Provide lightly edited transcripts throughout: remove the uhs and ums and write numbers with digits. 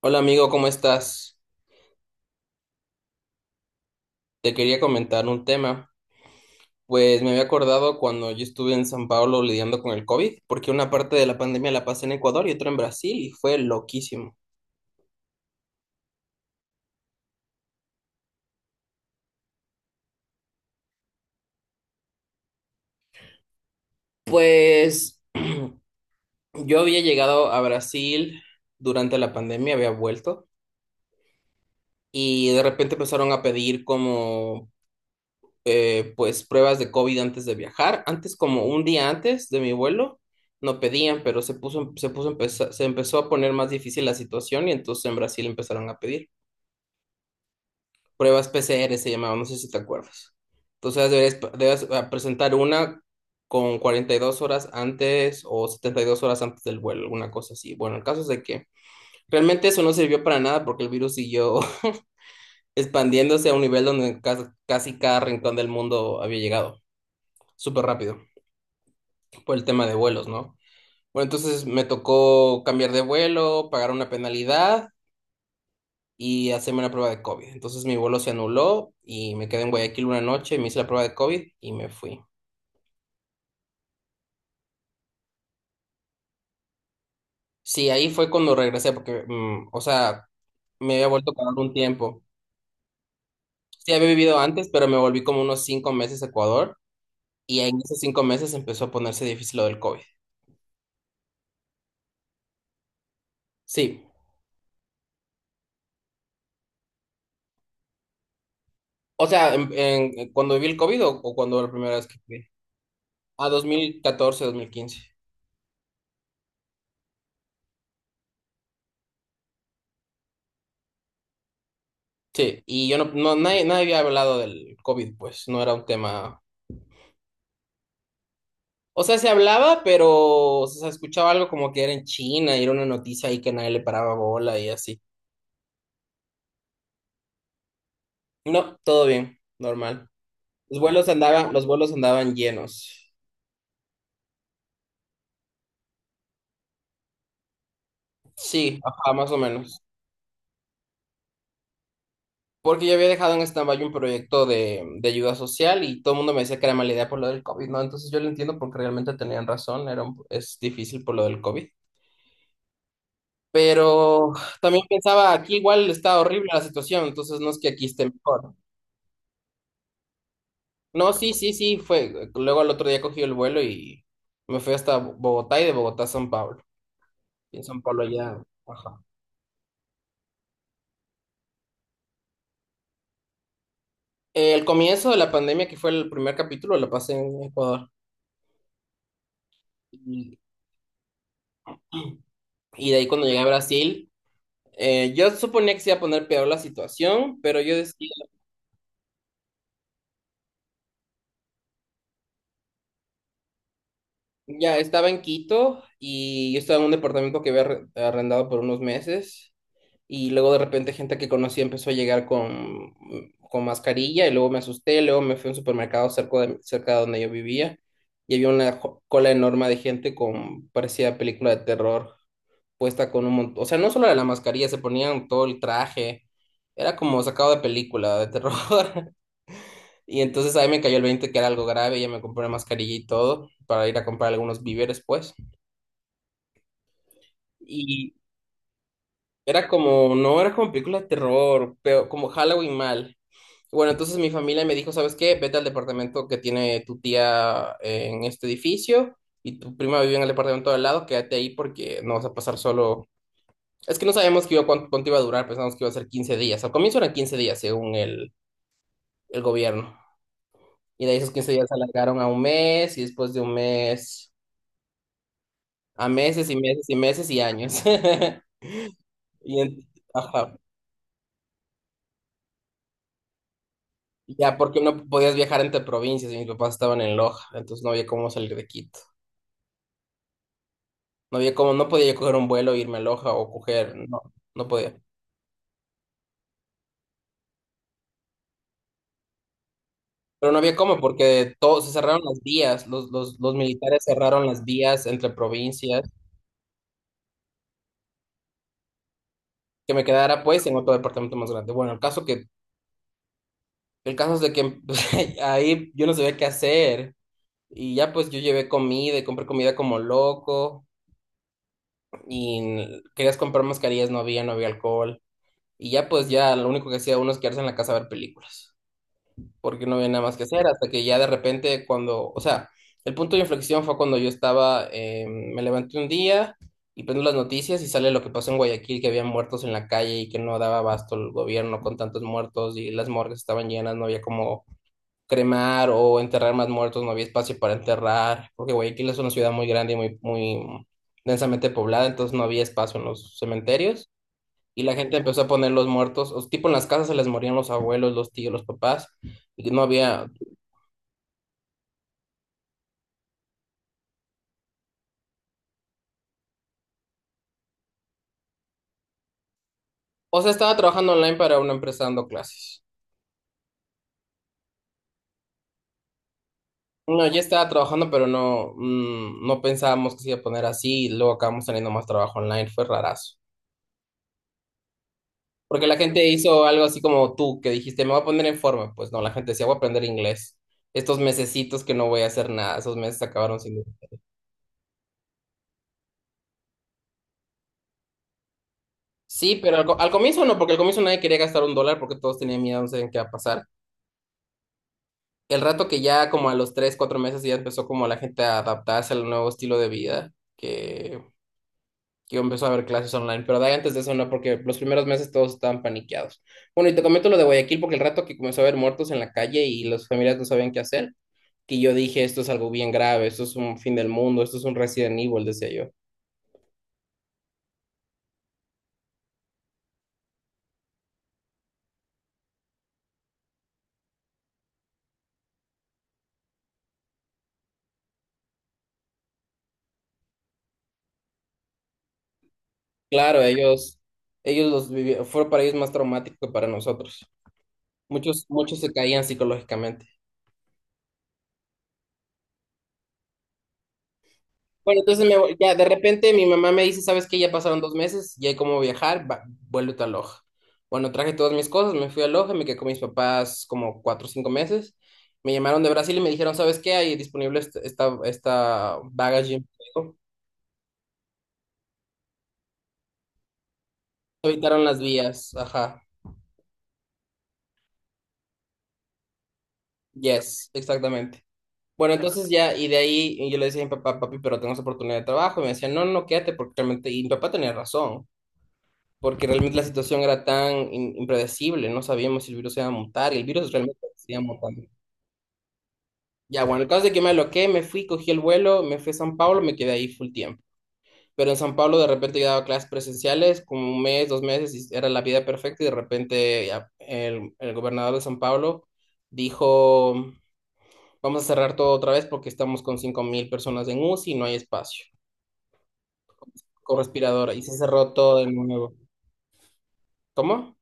Hola amigo, ¿cómo estás? Te quería comentar un tema. Pues me había acordado cuando yo estuve en San Pablo lidiando con el COVID, porque una parte de la pandemia la pasé en Ecuador y otra en Brasil y fue loquísimo. Pues yo había llegado a Brasil durante la pandemia, había vuelto y de repente empezaron a pedir como pues pruebas de COVID antes de viajar. Antes, como un día antes de mi vuelo, no pedían, pero se empezó a poner más difícil la situación y entonces en Brasil empezaron a pedir pruebas PCR, se llamaban, no sé si te acuerdas. Entonces debes presentar una con 42 horas antes o 72 horas antes del vuelo, alguna cosa así. Bueno, el caso es de que realmente eso no sirvió para nada porque el virus siguió expandiéndose a un nivel donde casi cada rincón del mundo había llegado, súper rápido por el tema de vuelos, ¿no? Bueno, entonces me tocó cambiar de vuelo, pagar una penalidad y hacerme una prueba de COVID. Entonces mi vuelo se anuló y me quedé en Guayaquil una noche, me hice la prueba de COVID y me fui. Sí, ahí fue cuando regresé porque, o sea, me había vuelto a Ecuador un tiempo. Sí, había vivido antes, pero me volví como unos 5 meses a Ecuador y en esos 5 meses empezó a ponerse difícil lo del COVID. Sí, o sea, cuando viví el COVID o cuando la primera vez que fui. A 2014, 2015. Sí, y yo nadie, nadie había hablado del COVID, pues no era un tema. O sea, se hablaba, pero o sea, se escuchaba algo como que era en China y era una noticia ahí que nadie le paraba bola y así. No, todo bien, normal. Los vuelos andaban llenos. Sí, ajá, más o menos. Porque yo había dejado en stand-by un proyecto de ayuda social y todo el mundo me decía que era mala idea por lo del COVID, ¿no? Entonces yo lo entiendo porque realmente tenían razón, es difícil por lo del COVID. Pero también pensaba, aquí igual está horrible la situación, entonces no es que aquí esté mejor. No, sí, sí, sí, fue. Luego al otro día cogí el vuelo y me fui hasta Bogotá y de Bogotá a San Pablo. Y en San Pablo ya. Ajá. El comienzo de la pandemia, que fue el primer capítulo, lo pasé en Ecuador. Y, y de ahí cuando llegué a Brasil, yo suponía que se iba a poner peor la situación, pero yo decía, ya estaba en Quito y yo estaba en un departamento que había arrendado por unos meses. Y luego de repente gente que conocí empezó a llegar con mascarilla y luego me asusté, luego me fui a un supermercado cerca de donde yo vivía y había una cola enorme de gente con, parecía película de terror, puesta con un montón, o sea, no solo era la mascarilla, se ponían todo el traje, era como sacado de película de terror. Y entonces ahí me cayó el 20 que era algo grave, ya me compré una mascarilla y todo para ir a comprar algunos víveres pues. Era como, no era como película de terror, pero como Halloween mal. Bueno, entonces mi familia me dijo, ¿sabes qué? Vete al departamento que tiene tu tía en este edificio y tu prima vive en el departamento de al lado, quédate ahí porque no vas a pasar solo. Es que no sabíamos que iba, cuánto, cuánto iba a durar, pensamos que iba a ser 15 días. Al comienzo eran 15 días, según el gobierno. Y de ahí esos 15 días se alargaron a un mes y después de un mes a meses y meses y meses y años. Y en- ajá. Ya, porque no podías viajar entre provincias y mis papás estaban en Loja, entonces no había cómo salir de Quito. No había cómo, no podía yo coger un vuelo e irme a Loja o coger, no, no podía. Pero no había cómo porque todos se cerraron las vías, los militares cerraron las vías entre provincias, que me quedara pues en otro departamento más grande. Bueno, el caso es de que ahí yo no sabía qué hacer y ya pues yo llevé comida y compré comida como loco y querías comprar mascarillas, no había, no había alcohol. Y ya pues ya lo único que hacía uno es quedarse en la casa a ver películas, porque no había nada más que hacer, hasta que ya de repente cuando, o sea, el punto de inflexión fue cuando yo estaba, me levanté un día y prendo las noticias y sale lo que pasó en Guayaquil, que había muertos en la calle y que no daba abasto el gobierno con tantos muertos y las morgues estaban llenas, no había como cremar o enterrar más muertos, no había espacio para enterrar, porque Guayaquil es una ciudad muy grande y muy, muy densamente poblada, entonces no había espacio en los cementerios. Y la gente empezó a poner los muertos, o tipo en las casas se les morían los abuelos, los tíos, los papás, y no había, o sea, estaba trabajando online para una empresa dando clases. No, ya estaba trabajando, pero no, no pensábamos que se iba a poner así, y luego acabamos teniendo más trabajo online, fue rarazo. Porque la gente hizo algo así como tú, que dijiste, me voy a poner en forma. Pues no, la gente decía, voy a aprender inglés. Estos mesecitos que no voy a hacer nada, esos meses acabaron sin mí. Sí, pero al comienzo no, porque al comienzo nadie quería gastar un dólar porque todos tenían miedo, no sabían qué iba a pasar. El rato que ya como a los 3, 4 meses ya empezó como la gente a adaptarse al nuevo estilo de vida, que empezó a haber clases online, pero de ahí antes de eso no, porque los primeros meses todos estaban paniqueados. Bueno, y te comento lo de Guayaquil, porque el rato que comenzó a haber muertos en la calle y las familias no sabían qué hacer, que yo dije, esto es algo bien grave, esto es un fin del mundo, esto es un Resident Evil, decía yo. Claro, ellos, fue para ellos más traumático que para nosotros. Muchos, muchos se caían psicológicamente. Bueno, entonces ya de repente mi mamá me dice, ¿sabes qué? Ya pasaron 2 meses, ya hay cómo viajar, va, vuélvete a Loja. Bueno, traje todas mis cosas, me fui a Loja, me quedé con mis papás como 4 o 5 meses. Me llamaron de Brasil y me dijeron, ¿sabes qué? Hay disponible esta, baggage. Evitaron las vías, ajá. Yes, exactamente. Bueno, entonces ya, y de ahí y yo le decía a mi papá, papi, pero tenemos oportunidad de trabajo. Y me decía, no, no, quédate, porque realmente, y mi papá tenía razón, porque realmente la situación era tan impredecible, no sabíamos si el virus se iba a montar, y el virus realmente se iba montando. Ya, bueno, el caso es que me aloqué, me fui, cogí el vuelo, me fui a San Pablo, me quedé ahí full tiempo. Pero en San Pablo de repente yo daba clases presenciales, como un mes, 2 meses, y era la vida perfecta, y de repente ya, el gobernador de San Pablo dijo, vamos a cerrar todo otra vez porque estamos con 5000 personas en UCI y no hay espacio, con respiradora, y se cerró todo de nuevo. ¿Cómo?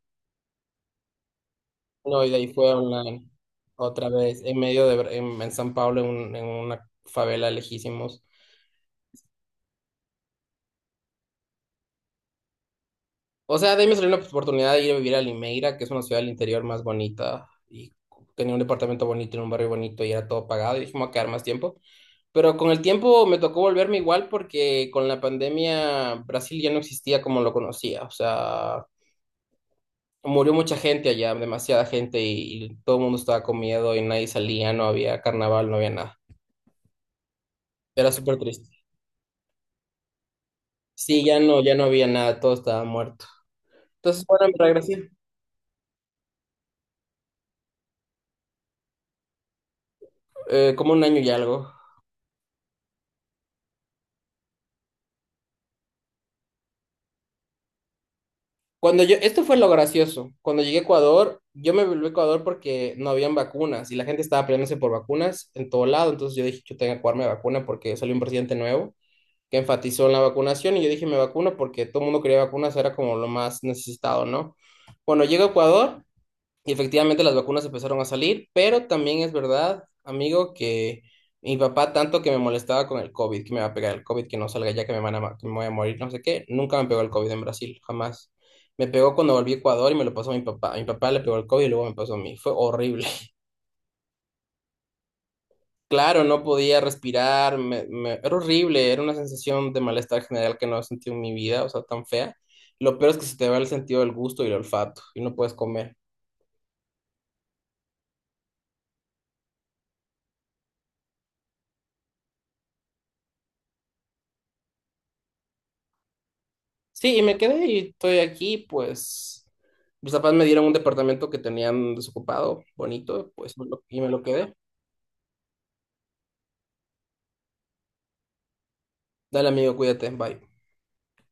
No, y de ahí fue online, otra vez, en medio de, en San Pablo, en una favela lejísimos. O sea, de ahí me salió la oportunidad de ir a vivir a Limeira, que es una ciudad del interior más bonita, y tenía un departamento bonito en un barrio bonito y era todo pagado, y dije, me voy a quedar más tiempo. Pero con el tiempo me tocó volverme igual porque con la pandemia Brasil ya no existía como lo conocía, o sea, murió mucha gente allá, demasiada gente, y todo el mundo estaba con miedo y nadie salía, no había carnaval, no había nada. Era súper triste. Sí, ya no, ya no había nada, todo estaba muerto. Entonces, bueno, me regresé, como un año y algo. Cuando yo, esto fue lo gracioso. Cuando llegué a Ecuador, yo me volví a Ecuador porque no habían vacunas y la gente estaba peleándose por vacunas en todo lado. Entonces yo dije, yo tengo que jugarme vacuna porque salió un presidente nuevo que enfatizó en la vacunación y yo dije, me vacuno porque todo el mundo quería vacunas, era como lo más necesitado, ¿no? Bueno, llego a Ecuador. Y efectivamente las vacunas empezaron a salir, pero también es verdad, amigo, que mi papá tanto que me molestaba con el COVID, que me va a pegar el COVID, que no salga ya, que me van a, que me voy a morir, no sé qué, nunca me pegó el COVID en Brasil, jamás. Me pegó cuando volví a Ecuador y me lo pasó a mi papá. A mi papá le pegó el COVID y luego me pasó a mí. Fue horrible. Claro, no podía respirar, era horrible, era una sensación de malestar general que no he sentido en mi vida, o sea, tan fea. Lo peor es que se te va el sentido del gusto y el olfato y no puedes comer. Sí, y me quedé y estoy aquí, pues mis papás me dieron un departamento que tenían desocupado, bonito, pues y me lo quedé. Dale, amigo, cuídate, bye.